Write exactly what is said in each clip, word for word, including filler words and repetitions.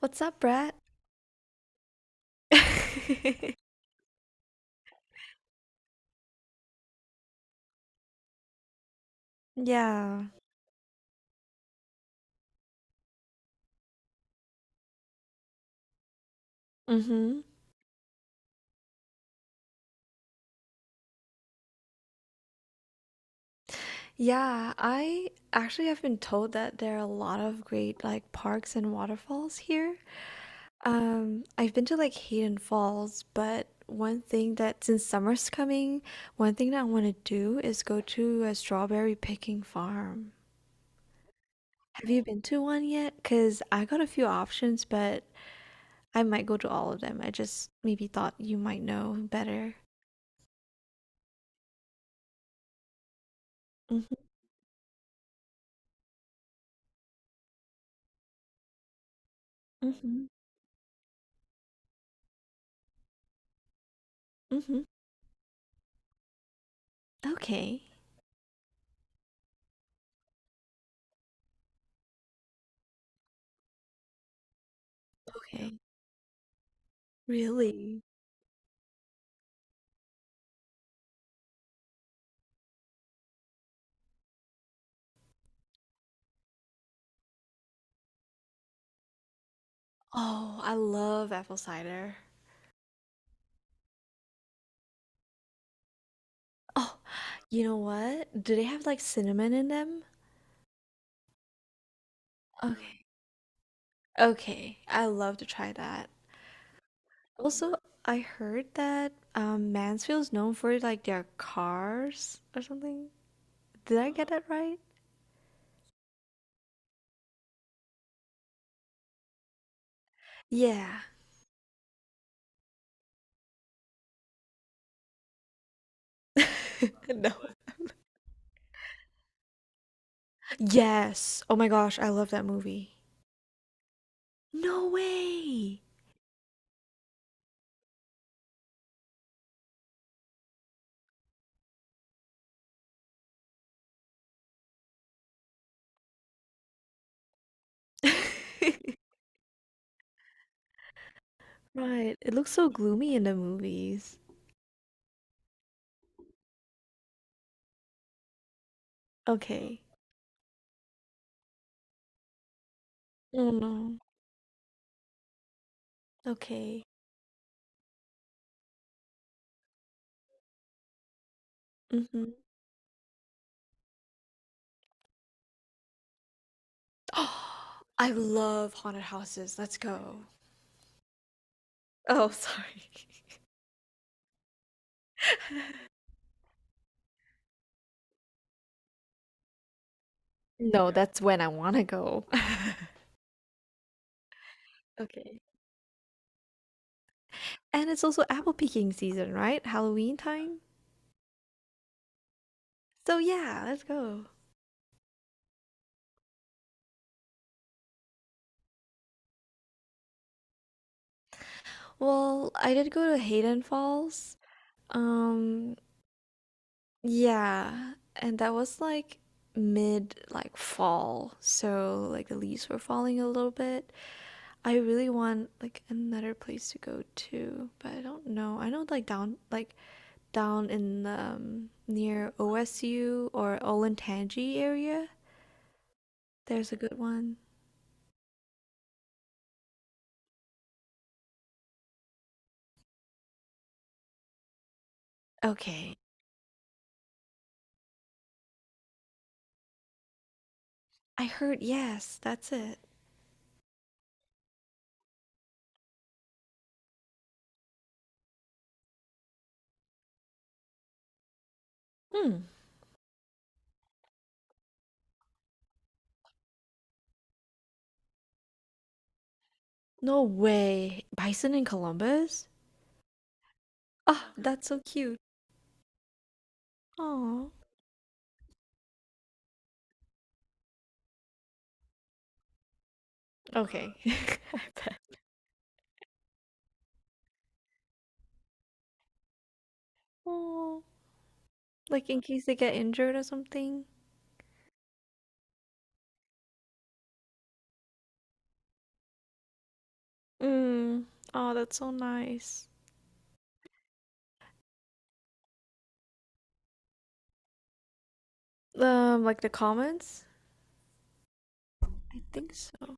What's up, Brett? Yeah. Mm-hmm. Yeah, I actually have been told that there are a lot of great like parks and waterfalls here. Um, I've been to like Hayden Falls, but one thing that since summer's coming, one thing that I want to do is go to a strawberry picking farm. Have you been to one yet? Because I got a few options, but I might go to all of them. I just maybe thought you might know better. Mm-hmm. Mm-hmm. Okay. Yeah. Okay. Really? Oh, I love apple cider. Oh, you know what? Do they have like cinnamon in them? Okay. Okay. I love to try that. Also, I heard that um, Mansfield's known for like their cars or something. Did I get that right? Yeah. No. Yes. Oh my gosh, I love that movie. No way. Right. It looks so gloomy in the movies. Okay. Oh no. Okay. Mm-hmm. I love haunted houses. Let's go. Oh, sorry. No, that's when I want to go. Okay. And it's also apple picking season, right? Halloween time. So yeah, let's go. Well, I did go to Hayden Falls. Um, yeah, and that was like mid like fall, so like the leaves were falling a little bit. I really want like another place to go to, but I don't know. I know like down like down in the um, near O S U or Olentangy area. There's a good one. Okay. I heard yes, that's it. Hmm. No way. Bison in Columbus? Oh, that's so cute. Oh. Okay. I bet. Oh. Like in case they get injured or something. Mm. Oh, that's so nice. Um, like the comments? I think so.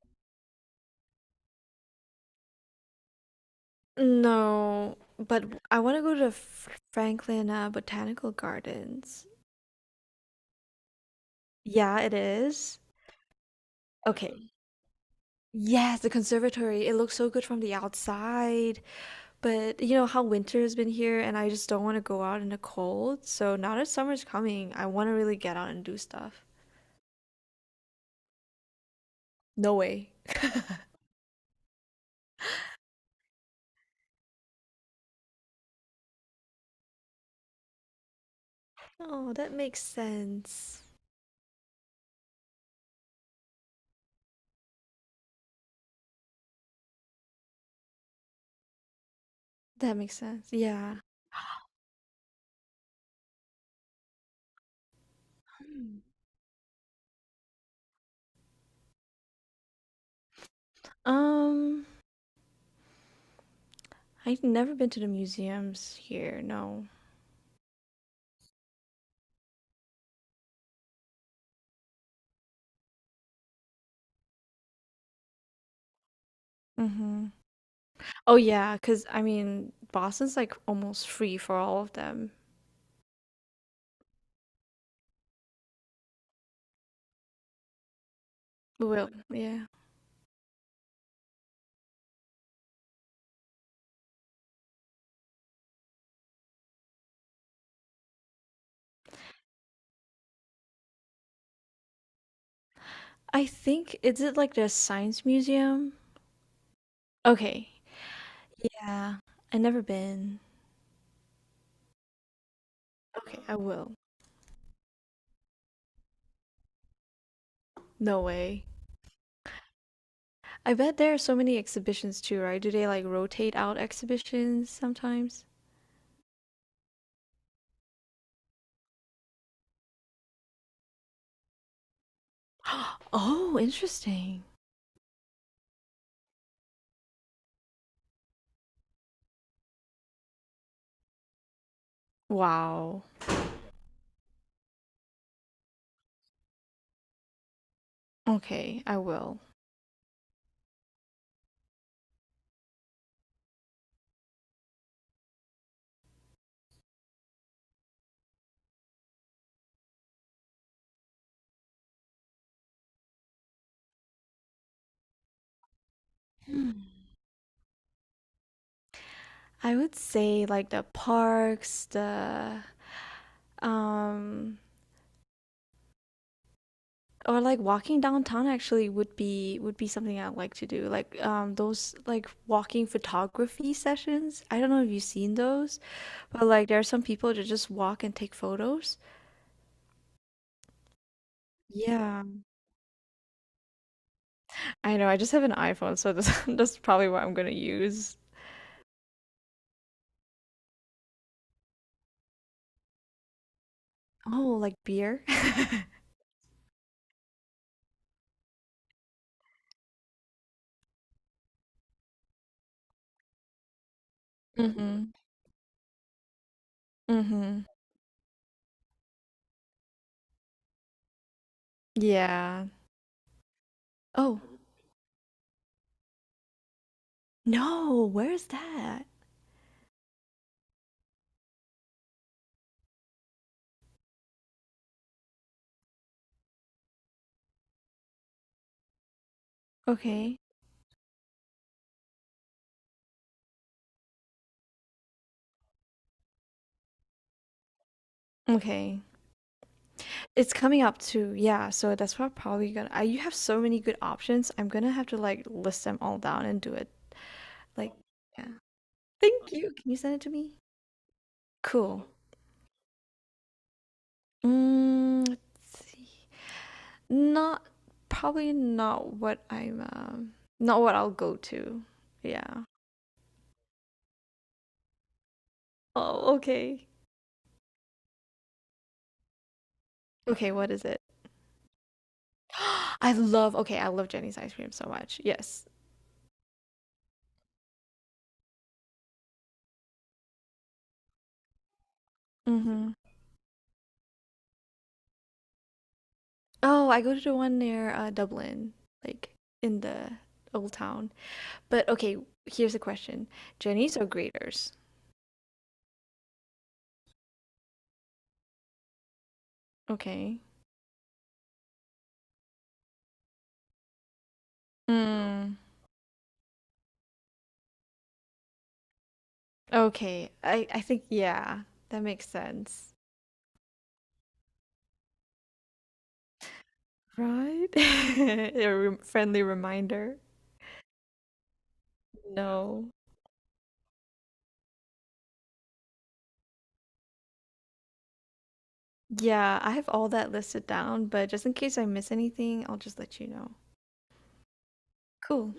No, but I want to go to F- Franklin uh, Botanical Gardens. Yeah, it is. Okay. Yes, the conservatory. It looks so good from the outside, but you know how winter has been here, and I just don't want to go out in the cold. So now that summer's coming, I want to really get out and do stuff. No way. Oh, that makes sense. That makes sense. Yeah. Hmm. Um, I've never been to the museums here. No. Mm-hmm. Oh yeah, cause I mean, Boston's like almost free for all of them. Well, yeah. I think is it like the science museum? Okay. Yeah. I never been. Okay, I will. No way. I bet there are so many exhibitions too, right? Do they like rotate out exhibitions sometimes? Oh, interesting. Wow. Okay, I will. Hmm. I would say like the parks, the um or like walking downtown actually would be would be something I like to do. Like um those like walking photography sessions. I don't know if you've seen those, but like there are some people that just walk and take photos. Yeah. I know, I just have an iPhone, so this, that's probably what I'm gonna use. Oh, like beer. Mm-hmm. Mm-hmm. Yeah. Oh, no, where's that? Okay. Okay. It's coming up too, yeah, so that's what I'm probably gonna I you have so many good options, I'm gonna have to, like, list them all down and do it, like yeah. Thank you, can you send it to me? Cool. Mm, let's see. Not probably not what I'm, um not what I'll go to. Yeah. Oh, okay. Okay, what is it? I love okay, I love Jenny's ice cream so much, yes. Mhm. Oh, I go to the one near, uh, Dublin, like, in the old town. But okay, here's a question. Jennies or graders? Okay. Mm, okay. I, I think, yeah, that makes sense. Right? A rem- friendly reminder. No. Yeah, I have all that listed down, but just in case I miss anything, I'll just let you know. Cool.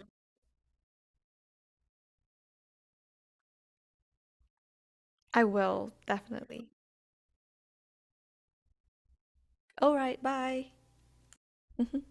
I will, definitely. All right, bye. Mhm.